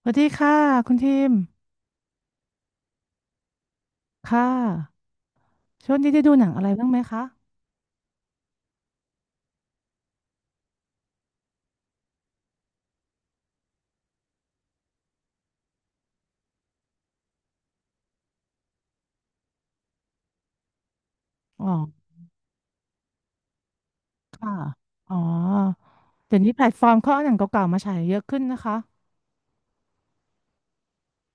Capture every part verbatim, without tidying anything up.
สวัสดีค่ะคุณทีมค่ะช่วงนี้ได้ดูหนังอะไรบ้างไหมคะอ๋อค่ะอ๋อเดี๋ยวนี้แพลตฟอร์มเขาเอาหนังเก่าๆมาฉายเยอะขึ้นนะคะ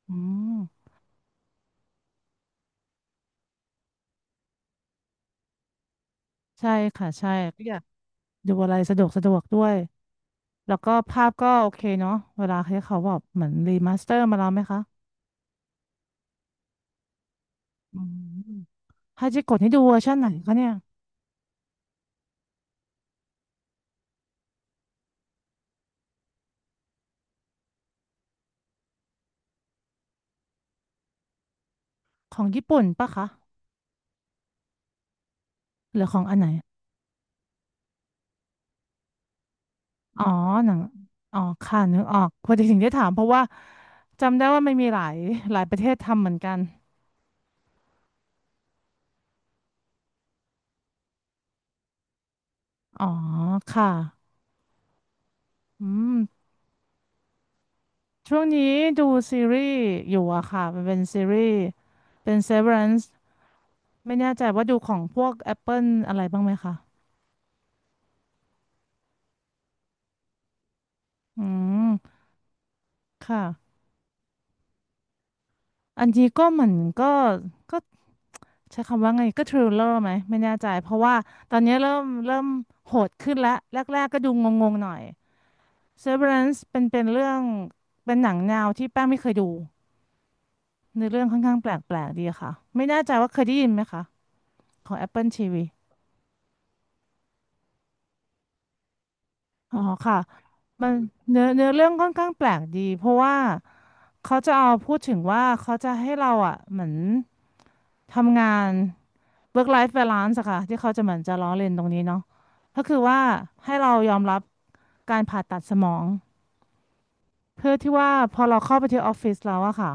อืมใช่ค่ะใช่ก็อยากดูอะไรสะดวกสะดวกด้วยแล้วก็ภาพก็โอเคเนาะเวลาที่เขาแบบเหมือนรีมาสเตอร์มาแล้วไหมคะอืมฮาจิโกะนี่ดูเวอร์ชันไหนคะเนี่ยของญี่ปุ่นปะคะหรือของอันไหน อ๋อ หนัง อ๋อ ค่ะ นึกออกพอดีถึงได้ถามเพราะว่าจำได้ว่ามันมีหลายหลายประเทศทำเหมือนกัน อ๋อ ค่ะ อืม ช่วงนี้ดูซีรีส์อยู่อะค่ะมันเป็นซีรีส์เป็น Severance ไม่แน่ใจว่าดูของพวก Apple อะไรบ้างไหมคะอืม ค่ะ อันนี้ก็เหมือนก็ก็ใช้คำว่าไงก็ทริลเลอร์ไหมไม่แน่ใจเพราะว่าตอนนี้เริ่มเริ่มโหดขึ้นแล้วแรกๆก็ดูงงๆหน่อย Severance เป็นเป็นเรื่องเป็นหนังแนวที่แป้งไม่เคยดูในอเรื่องค่อนข้างแปลกๆดีค่ะไม่แน่ใจว่าเคยได้ยินไหมคะของ Apple ที วี อ๋อค่ะมันเนื้อเนื้อเรื่องค่อนข้างแปลกดีเพราะว่าเขาจะเอาพูดถึงว่าเขาจะให้เราอ่ะเหมือนทำงาน work life balance อะค่ะที่เขาจะเหมือนจะล้อเลียนตรงนี้เนาะก็คือว่าให้เรายอมรับการผ่าตัดสมองเพื่อที่ว่าพอเราเข้าไปที่ออฟฟิศแล้วอะค่ะ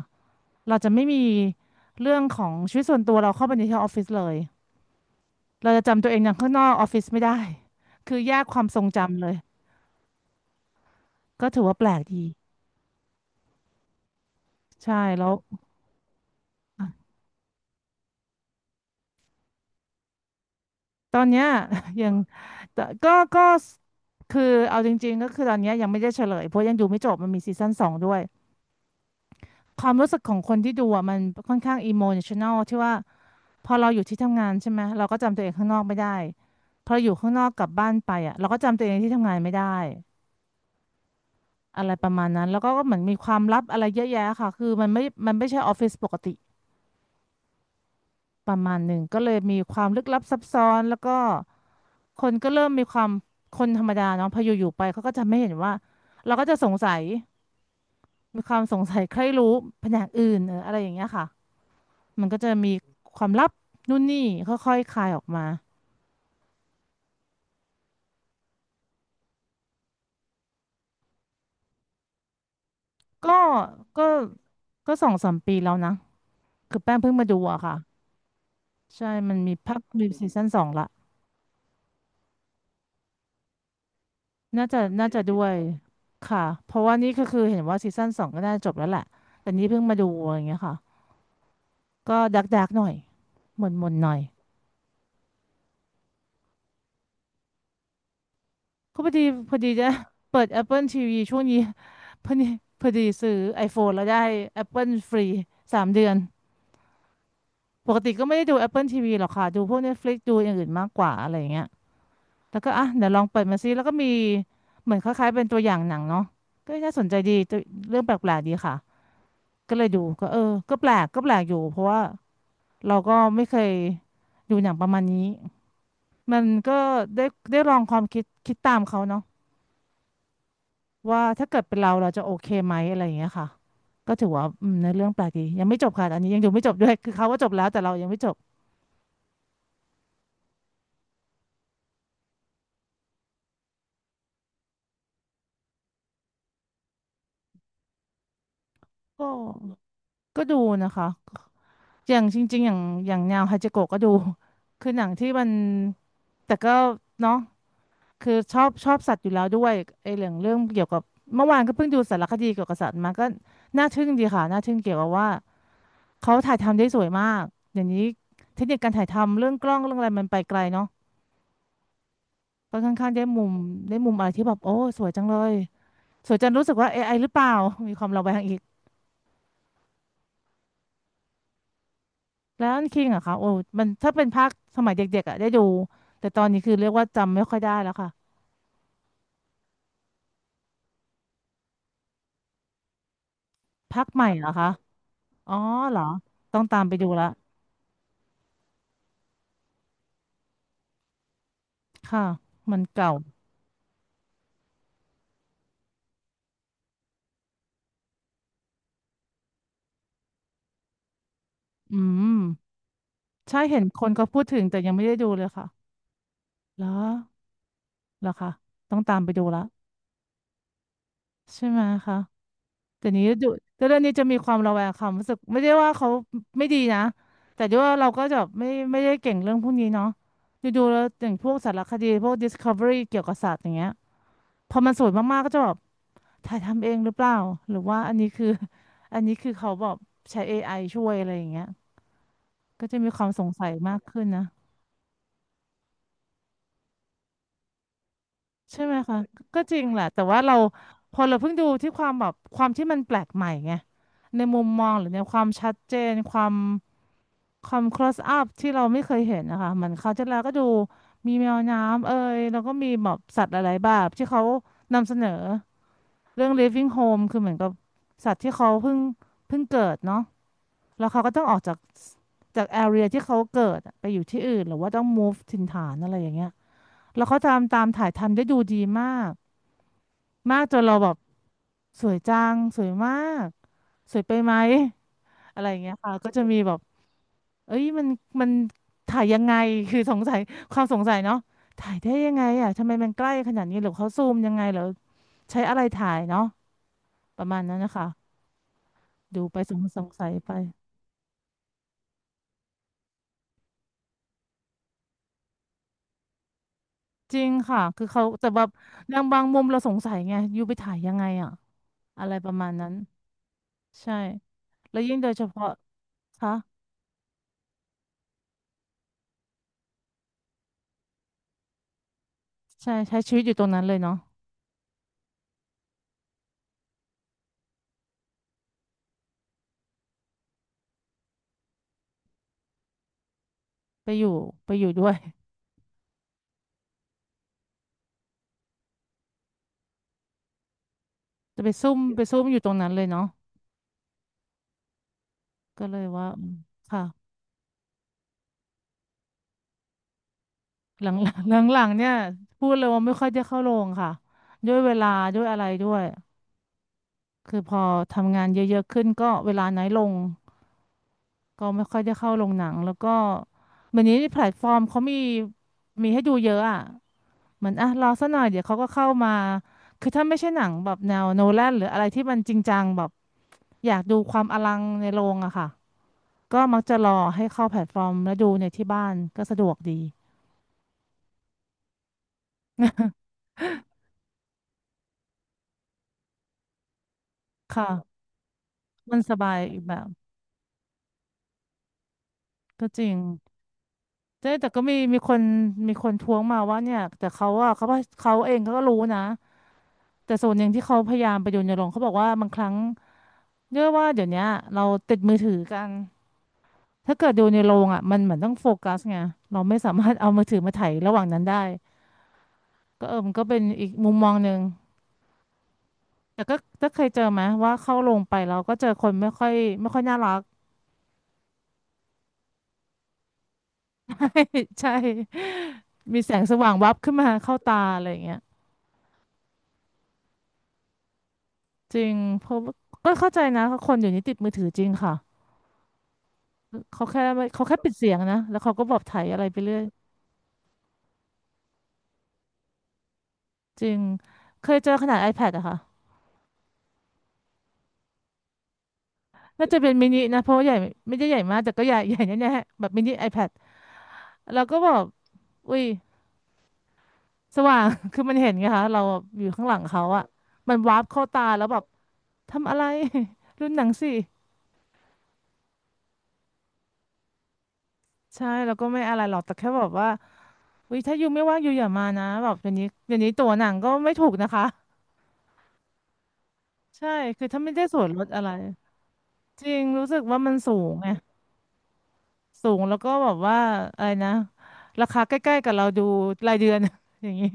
เราจะไม่มีเรื่องของชีวิตส่วนตัวเราเข้าไปในที่ออฟฟิศเลยเราจะจำตัวเองอย่างข้างนอกออฟฟิศไม่ได้คือแยกความทรงจำเลยก็ถือว่าแปลกดีใช่แล้วอ่ะตอนเนี้ย ยังแต่ก็ก็คือเอาจริงๆก็คือตอนเนี้ยยังไม่ได้เฉลยเพราะยังดูไม่จบมันมีซีซั่นสองด้วยความรู้สึกของคนที่ดูอ่ะมันค่อนข้างอิโมชัน a ลที่ว่าพอเราอยู่ที่ทำงานใช่ไหมเราก็จำตัวเองข้างนอกไม่ได้พออยู่ข้างนอกกลับบ้านไปอ่ะเราก็จำตัวเองที่ทำงานไม่ได้ อะไรประมาณนั้นแล้วก็ก็เหมือนมีความลับอะไรเยอะแยะค่ะคือมันไม่มันไม่ใช่ออฟฟิศปกติประมาณหนึ่งก็เลยมีความลึกลับซับซ้อนแล้วก็คนก็เริ่มมีความคนธรรมดาเนาะพออยู่ๆไปเขาก็จะไม่เห็นว่าเราก็จะสงสัยมีความสงสัยใครรู้แผนกอื่นเอออะไรอย่างเงี้ยค่ะมันก็จะมีความลับนู่นนี่ค่อยๆคลายออกมาก็ก็ก็สองสามปีแล้วนะคือแป้งเพิ่งมาดูอะค่ะใช่มันมีภาคมีซีซั่นสองละ น่าจะน่าจะด้วยค่ะเพราะว่านี่ก็คือเห็นว่าซีซั่นสองก็น่าจะจบแล้วแหละแต่นี่เพิ่งมาดูอย่างเงี้ยค่ะก็ดักดักหน่อยหม่นหม่นหน่อยก็พอดีพอดีจะ เปิด Apple ที วี ช่วงนี้ พอดีพอดีซื้อ iPhone แล้วได้ Apple ฟรีสามเดือนปกติก็ไม่ได้ดู Apple ที วี หรอกค่ะดูพวก Netflix ดูอย่างอื่นมากกว่าอะไรอย่างเงี้ยแล้วก็อ่ะเดี๋ยวลองเปิดมาซิแล้วก็มีเหมือนคล้ายๆเป็นตัวอย่างหนังเนาะก็น่าสนใจดีตัวเรื่องแปลกๆดีค่ะ ก็เลยดูก็เออก็แปลกก็แปลกอยู่เพราะว่าเราก็ไม่เคยดูหนังประมาณนี้มันก็ได้ได้ลองความคิดคิดตามเขาเนาะว่าถ้าเกิดเป็นเราเราจะโอเคไหมอะไรอย่างเงี้ยค่ะก็ถือว่าอืมในอเรื่องแปลกดียังไม่จบค่ะอันนี้ยังดูไม่จบด้วยคือเขาว่าจบแล้วแต่เรายังไม่จบก็ก็ดูนะคะอย่างจริงๆอย่างอย่างแนวฮาจิโกะก็ดู คือหนังที่มันแต่ก็เนาะ คือชอบชอบสัตว์อยู่แล้วด้วยไอ้เรื่องเรื่องเกี่ยวกับเมื่อวานก็เพิ่งดูสารคดีเกี่ยวกับสัตว์มาก็น่าทึ่งดีค่ะน่าทึ่งเกี่ยวกับว่าเขาถ่ายทำได้สวยมากอย่างนี้เทคนิคการถ่ายทำเรื่องกล้องเรื่องอะไรมันไปไกลเนาะก็ค่อนข้างได้มุมได้มุมอะไรที่แบบโอ้สวยจังเลยสวยจนรู้สึกว่า เอ ไอ หรือเปล่า มีความระแวงอีกแล้วคิงอะค่ะโอ้มันถ้าเป็นภาคสมัยเด็กๆอะได้ดูแต่ตอนนี้คือเรียกว่าจำไม่ค่อยได้แล้วค่ะภาคใหม่เหรอคะอ๋อเหรอต้องตามไปดูละค่ะมันเก่าอืม ใช่เห็นคนเขาพูดถึงแต่ยังไม่ได้ดูเลยค่ะเหรอเหรอคะต้องตามไปดูละใช่ไหมคะแต่นี้ดูแต่เรื่องนี้จะมีความระแวงความรู้สึกไม่ได้ว่าเขาไม่ดีนะแต่ด้วยว่าเราก็จะไม่ไม่ได้เก่งเรื่องพวกนี้เนาะดูดูแล้วอย่างพวกสารคดีพวก Discovery เกี่ยวกับสัตว์อย่างเงี้ยพอมันสวยมากๆก็จะแบบถ่ายทำเองหรือเปล่าหรือว่าอันนี้คือ อันนี้คือเขาแบบใช้ เอ ไอ ช่วยอะไรอย่างเงี้ยก็จะมีความสงสัยมากขึ้นนะ ใช่ไหมคะ ก็จริงแหละ แต่ว่าเราพอเราเพิ่งดูที่ความแบบความที่มันแปลกใหม่ไง ในมุมมองหรือในความชัดเจนความความ close up ที่เราไม่เคยเห็นนะคะเหมือนเขาวที่แล้วก็ดูมีแมวน้ำเอ่ยแล้วก็มีแบบสัตว์หลายๆแบบที่เขานำเสนอเรื่อง Living Home คือเหมือนกับสัตว์ที่เขาเพิ่งเพิ่งเกิดเนาะแล้วเขาก็ต้องออกจากจาก area ที่เขาเกิดอะไปอยู่ที่อื่นหรือว่าต้อง move ถิ่นฐานอะไรอย่างเงี้ยแล้วเขาทำตามถ่ายทำได้ดูดีมากมากจนเราแบบ สวยจังสวยมากสวยไปไหมอะไรอย่างเงี้ยค่ะก็จะมีแบบเอ้ยมันมันถ่ายยังไงคือสงสัยความสงสัยเนาะถ่ายได้ยังไงอ่ะทำไมมันใกล้ขนาดนี้หรือเขาซูมยังไงหรือใช้อะไรถ่ายเนาะประมาณนั้นนะคะดูไปสงสงสัยไปจริงค่ะคือเขาแต่แบบอย่างบางมุมเราสงสัยไงอยู่ไปถ่ายยังไงอ่ะอะไรประมาณนั้นใช่แล้วยิ่งโดยเฉพาะคะใช่ใช้ชีวิตอยู่ตรงนั้นเลยเนาะไปอยู่ไปอยู่ด้วย จะไปซุ่มไปซุ่มอยู่ตรงนั้นเลยเนาะก็เลยว่าอืมค่ะหลังหลังหลังๆเนี่ยพูดเลยว่าไม่ค่อยจะเข้าโรงค่ะด้วยเวลาด้วยอะไรด้วยคือพอทำงานเยอะๆขึ้นก็เวลาน้อยลงก็ไม่ค่อยได้เข้าโรงหนังแล้วก็วันนี้แพลตฟอร์มเขามีมีให้ดูเยอะอ่ะเหมือนอ่ะรอสักหน่อยเดี๋ยวเขาก็เข้ามาคือถ้าไม่ใช่หนังแบบแนวโนแลนหรืออะไรที่มันจริงจังแบบอยากดูความอลังในโรงอะค่ะ ก็มักจะรอให้เข้าแพลตฟอร์มแล้วดูในที่บ้านก็สะดวกดี ค่ะ มันสบายอีกแบบก็จริงแต่แต่ก็มีมีคนมีคนท้วงมาว่าเนี่ยแต่เขาอะเขาว่าเขาเองเขาก็รู้นะแต่ส่วนหนึ่งที่เขาพยายามไปดูในโรงเขาบอกว่าบางครั้งเนื่องว่าเดี๋ยวเนี้ยเราติดมือถือกันถ้าเกิดดูในโรงอะมันเหมือนต้องโฟกัสไงเราไม่สามารถเอามือถือมาถ่ายระหว่างนั้นได้ก็เออมันก็เป็นอีกมุมมองหนึ่งแต่ก็ถ้าเคยเจอไหมว่าเข้าโรงไปเราก็เจอคนไม่ค่อยไม่ค่อยน่ารัก ใช่ มีแสงสว่างวับขึ้นมาเข้าตาอะไรอย่างเงี้ยจริงเพราะว่าก็เข้าใจนะคนอยู่นี้ติดมือถือจริงค่ะเขาแค่ไม่เขาแค่ปิดเสียงนะแล้วเขาก็บอกถ่ายอะไรไปเรื่อยจริงเคยเจอขนาด iPad อะค่ะน่าจะเป็นมินินะเพราะว่าใหญ่ไม่ได้ใหญ่มากแต่ก็ใหญ่ใหญ่แน่ๆแบบมินิ iPad แล้วก็แบอกอุ้ยสว่าง คือมันเห็นไงคะเราอยู่ข้างหลังเขาอะมันวาร์ปเข้าตาแล้วแบบทำอะไร รุ่นหนังสิใช่แล้วก็ไม่อะไรหรอกแต่แค่แบบว่า อุ้ยถ้ายูไม่ว่างยูอย่ามานะแบบเดี๋ยวนี้เดี๋ยวนี้ตั๋วหนังก็ไม่ถูกนะคะใช่คือถ้าไม่ได้ส่วนลดอะไรจริงรู้สึกว่ามันสูงไงสูงแล้วก็แบบว่าอะไรนะราคาใกล้ๆกับเราดูรายเดือน อย่างนี้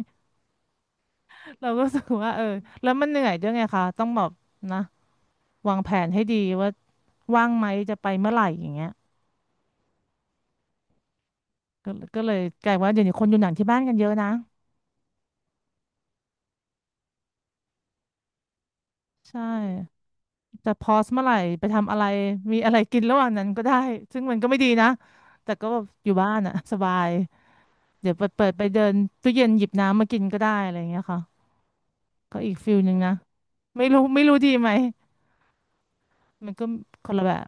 เราก็รู้สึกว่าเออแล้วมันเหนื่อยด้วยไงคะต้องแบบนะวางแผนให้ดีว่าว่างไหมจะไปเมื่อไหร่อย่างเงี้ยก็ก็เลยกลายว่าเดี๋ยวนี้คนดูหนังที่บ้านกันเยอะนะใช่ จะพอสเมื่อไหร่ไปทำอะไรมีอะไรกินระหว่างนั้นก็ได้ซึ่งมันก็ไม่ดีนะแต่ก็แบบอยู่บ้านอะสบายเดี๋ยวเปิดเปิดไปเดินตู้เย็นหยิบน้ำมากินก็ได้อะไรอย่างเงี้ยค่ะก็อีกฟิลหนึ่งนะไม่รู้ไม่รู้ดีไหมมันก็คนละแบบ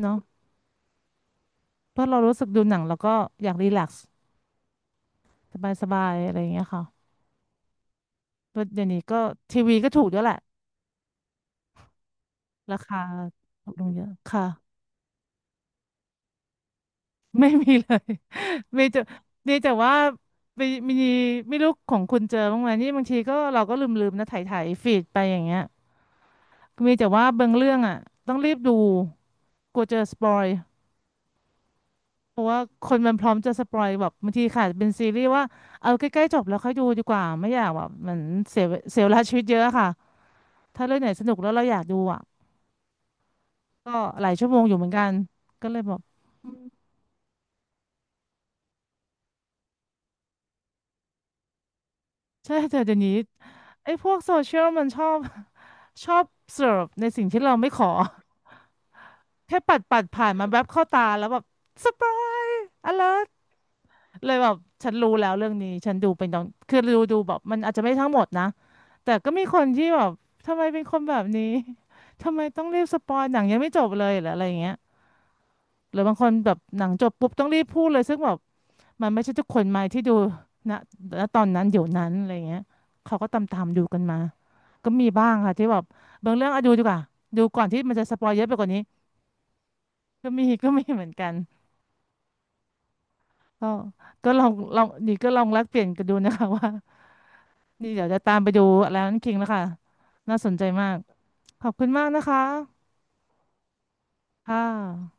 เนาะเพราะเรารู้สึกดูหนังแล้วก็อยากรีแลกซ์สบายสบายอะไรอย่างเงี้ยค่ะเพราะเดี๋ยวนี้ก็ทีวีก็ถูกด้วยแหละราคาถูกลงเยอะค่ะ ไม่มีเลย มีแต่ดีแต่ว่ามีมีไม่รู้ของคุณเจอบ้างไหมนี่บางทีก็เราก็ลืมๆนะถ่ายถ่ายฟีดไปอย่างเงี้ยมีแต่ว่าบางเรื่องอ่ะต้องรีบดูกลัวเจอสปอยเพราะว่าคนมันพร้อมจะสปอยแบบบางทีค่ะเป็นซีรีส์ว่าเอาใกล้ๆจบแล้วค่อยดูดีกว่าไม่อยากแบบเหมันเสียเสียเวลาชีวิตเยอะอะค่ะถ้าเรื่องไหนสนุกแล้วเราอยากดูอ่ะก็หลายชั่วโมงอยู่เหมือนกันก็เลยบอกใช่แต่เดี๋ยวนี้ไอ้พวกโซเชียลมันชอบชอบเสิร์ฟในสิ่งที่เราไม่ขอ แค่ปัดปัดผ่านมันแวบเข้าตาแล้วแบบสปาร์อเลิร์เลยแบบฉันรู้แล้วเรื่องนี้ฉันดูเป็นตอนคือดูดูแบบมันอาจจะไม่ทั้งหมดนะแต่ก็มีคนที่แบบทำไมเป็นคนแบบนี้ ทำไมต้องรีบสปอยหนังยังไม่จบเลยหรืออะไรอย่างเงี้ยหรือบางคนแบบหนังจบปุ๊บต้องรีบพูดเลยซึ่งแบบมันไม่ใช่ทุกคนไหมที่ดูณณตอนนั้นเดี๋ยวนั้นอะไรอย่างเงี้ยเขาก็ตามตามดูกันมาก็มีบ้างค่ะที่แบบบางเรื่องอะดูดีกว่าดูก่อนที่มันจะสปอยเยอะไปกว่านี้ก็มี ก็มีเหมือนกัน ก็ก็ลองลองดีก็ลองแลกเปลี่ยนกันดูนะคะ ว่านี่เดี๋ยวจะตามไปดูแล้วนั่นคิงแล้วค่ะน่าสนใจมาก ขอบคุณมากนะคะ ค่ะ